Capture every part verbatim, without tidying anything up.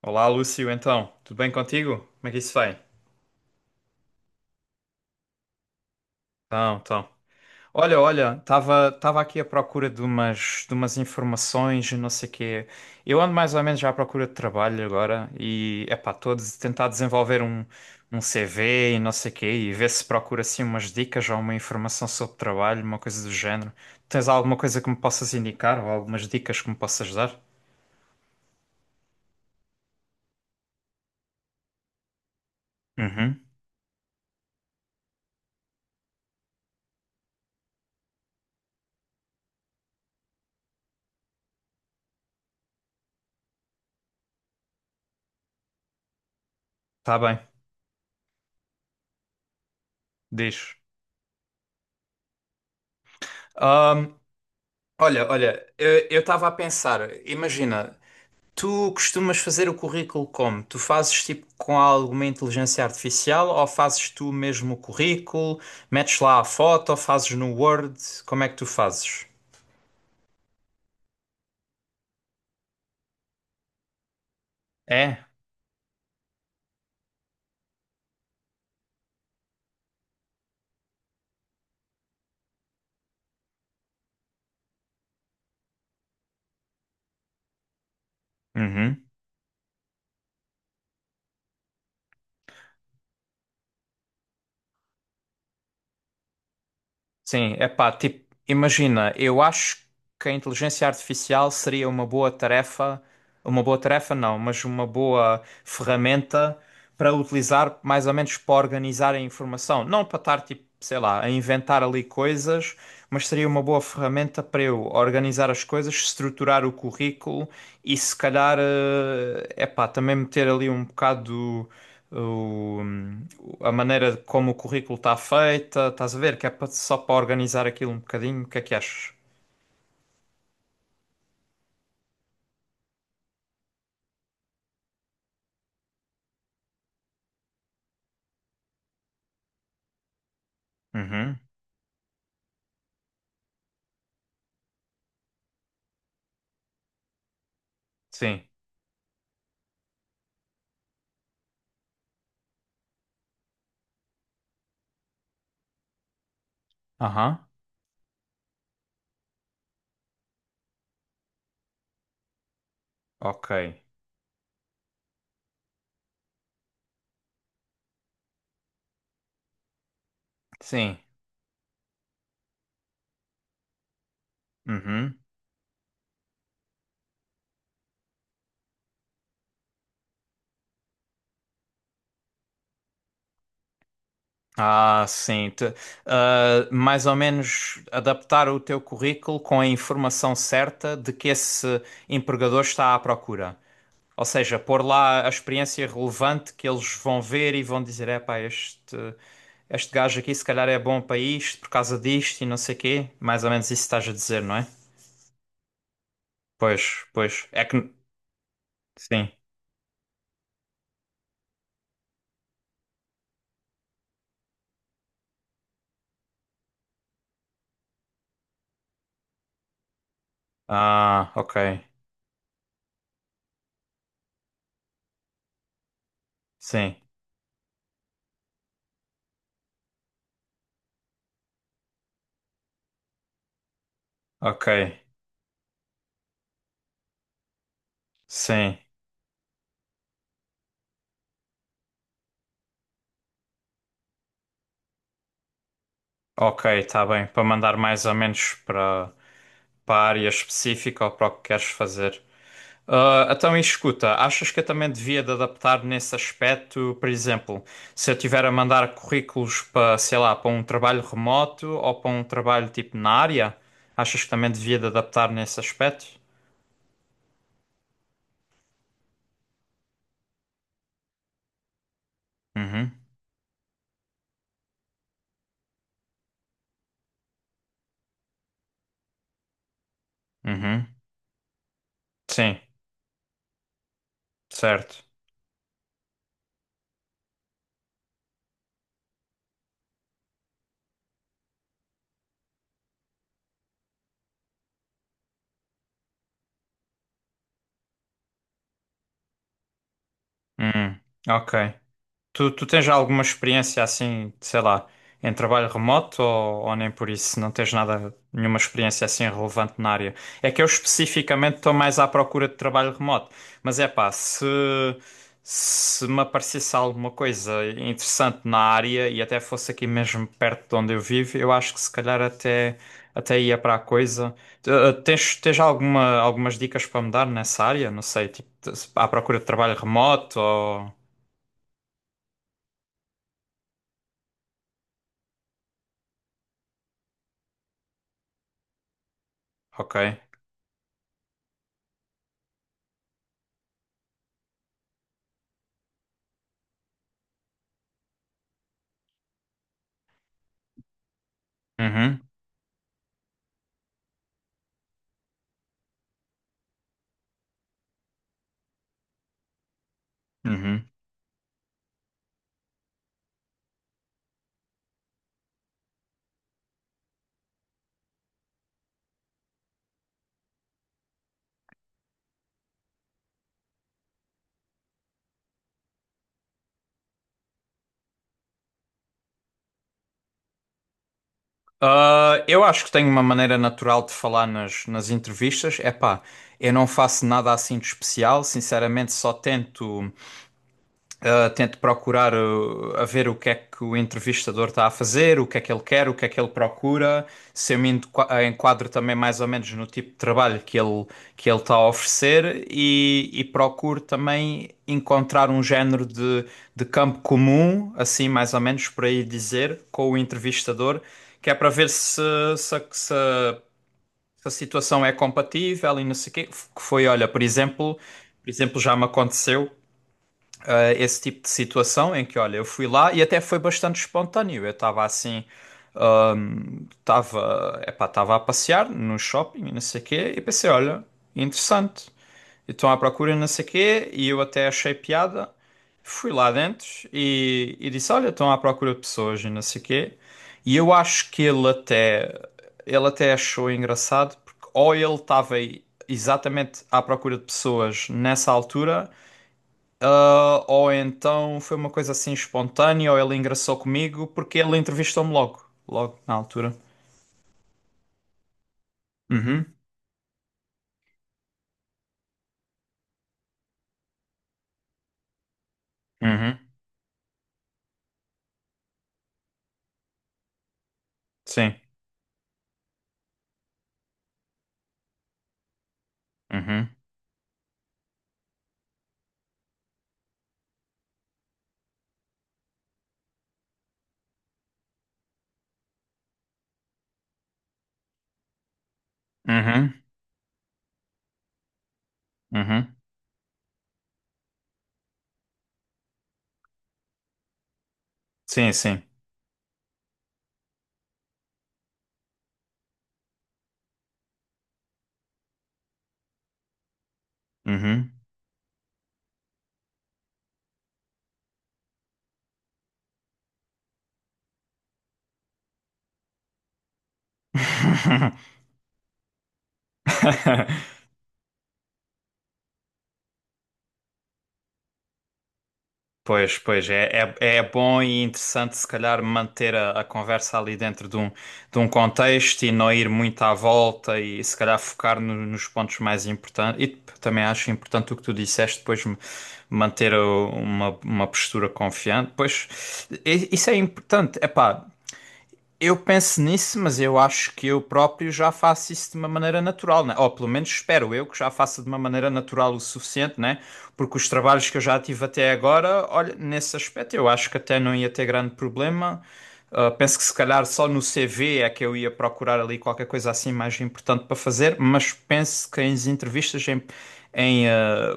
Olá, Lúcio, então, tudo bem contigo? Como é que isso vai? Então, então. Olha, olha, estava estava aqui à procura de umas, de umas informações e não sei quê. Eu ando mais ou menos já à procura de trabalho agora e, epá, estou a des- tentar desenvolver um, um C V e não sei quê e ver se procuro assim umas dicas ou uma informação sobre trabalho, uma coisa do género. Tens alguma coisa que me possas indicar ou algumas dicas que me possas dar? Uhum, tá bem, diz. Ahm, olha, olha, eu estava a pensar, imagina, tu costumas fazer o currículo como? Tu fazes tipo com alguma inteligência artificial ou fazes tu mesmo o currículo? Metes lá a foto ou fazes no Word? Como é que tu fazes? É? Uhum. Sim, é pá, tipo, imagina, eu acho que a inteligência artificial seria uma boa tarefa. Uma boa tarefa, não, mas uma boa ferramenta para utilizar mais ou menos para organizar a informação. Não para estar, tipo, sei lá, a inventar ali coisas, mas seria uma boa ferramenta para eu organizar as coisas, estruturar o currículo e se calhar, é pá, também meter ali um bocado o- a maneira como o currículo está feita, estás a ver? Que é pa- só para organizar aquilo um bocadinho. O que é que achas? Uhum. Sim. Aham. Ok. Sim. Uhum. Ah, sim. Te- ah, mais ou menos adaptar o teu currículo com a informação certa de que esse empregador está à procura. Ou seja, pôr lá a experiência relevante que eles vão ver e vão dizer: epá, este, este gajo aqui se calhar é bom para isto por causa disto e não sei quê. Mais ou menos isso estás a dizer, não é? Pois, pois. É que. Sim. Ah, ok. Sim. Ok. Sim. Ok, está bem. Para mandar mais ou menos para, para a área específica ou para o que queres fazer. Ah, então, e escuta, achas que eu também devia de adaptar nesse aspecto, por exemplo, se eu tiver a mandar currículos para, sei lá, para um trabalho remoto ou para um trabalho tipo na área, achas que também devia de adaptar nesse aspecto? Uhum, uhum, sim, certo. Uhum, ok. Tu, tu tens já alguma experiência assim, sei lá, em trabalho remoto ou, ou nem por isso? Não tens nada, nenhuma experiência assim relevante na área? É que eu especificamente estou mais à procura de trabalho remoto. Mas é pá, se, se me aparecesse alguma coisa interessante na área e até fosse aqui mesmo perto de onde eu vivo, eu acho que se calhar até, até ia para a coisa. Eh, eh, Tens, tens alguma, algumas dicas para me dar nessa área? Não sei, tipo, à procura de trabalho remoto ou. Ok. Uhum, uhum. Ah, eu acho que tenho uma maneira natural de falar nas, nas entrevistas. É pá, eu não faço nada assim de especial. Sinceramente, só tento. Uh, tento procurar uh, a ver o que é que o entrevistador está a fazer, o que é que ele quer, o que é que ele procura, se eu me enqua- enquadro também mais ou menos no tipo de trabalho que ele que ele está a oferecer e, e procuro também encontrar um género de, de campo comum, assim mais ou menos por aí dizer, com o entrevistador, que é para ver se, se, a- se a se a situação é compatível e não sei o quê. Que foi, olha, por exemplo, por exemplo, já me aconteceu eh, esse tipo de situação em que, olha, eu fui lá e até foi bastante espontâneo. Eu estava assim, hum, estava, epá, estava a passear no shopping e não sei o quê, e pensei, olha, interessante. E estão à procura e não sei o quê, e eu até achei piada. Fui lá dentro e, e disse, olha, estão à procura de pessoas e não sei o quê. E eu acho que ele até, ele até achou engraçado, porque ou ele estava aí exatamente à procura de pessoas nessa altura, ah, ou então foi uma coisa assim espontânea, ou ele engraçou comigo porque ele entrevistou-me logo, logo na altura. Uhum, uhum, sim, uhum, uhum, uhum, sim, sim, uhum. Pois, pois, é, é, é bom e interessante se calhar manter a, a conversa ali dentro de um, de um contexto e não ir muito à volta e se calhar focar no- nos pontos mais importantes. E também acho importante o que tu disseste, depois m- manter uh, uma, uma postura confiante. Pois, i- isso é importante. Epá, eu penso nisso, mas eu acho que eu próprio já faço isso de uma maneira natural, né? Ou pelo menos espero eu que já faça de uma maneira natural o suficiente, né? Porque os trabalhos que eu já tive até agora, olha, nesse aspecto eu acho que até não ia ter grande problema. Ah, penso que se calhar só no C V é que eu ia procurar ali qualquer coisa assim mais importante para fazer, mas penso que em entrevistas, em, em, ah,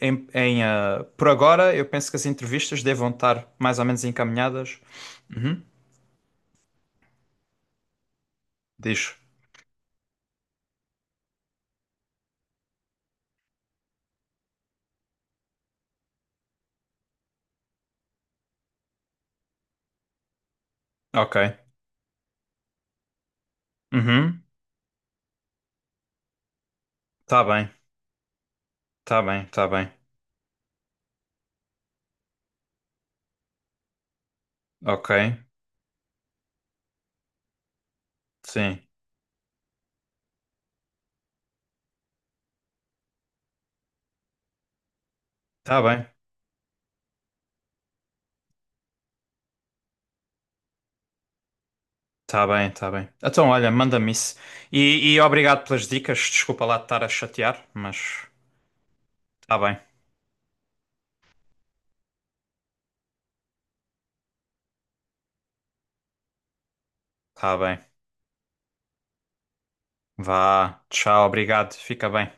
em- em, ah, por agora, eu penso que as entrevistas devam estar mais ou menos encaminhadas. Uhum. Diz. Ok. Uhum. Tá bem, tá bem, tá bem. Ok, sim. Tá bem, tá bem, tá bem. Então, olha, manda-me isso. E, e obrigado pelas dicas. Desculpa lá de estar a chatear, mas tá bem, tá bem. Vá, tchau, obrigado. Fica bem.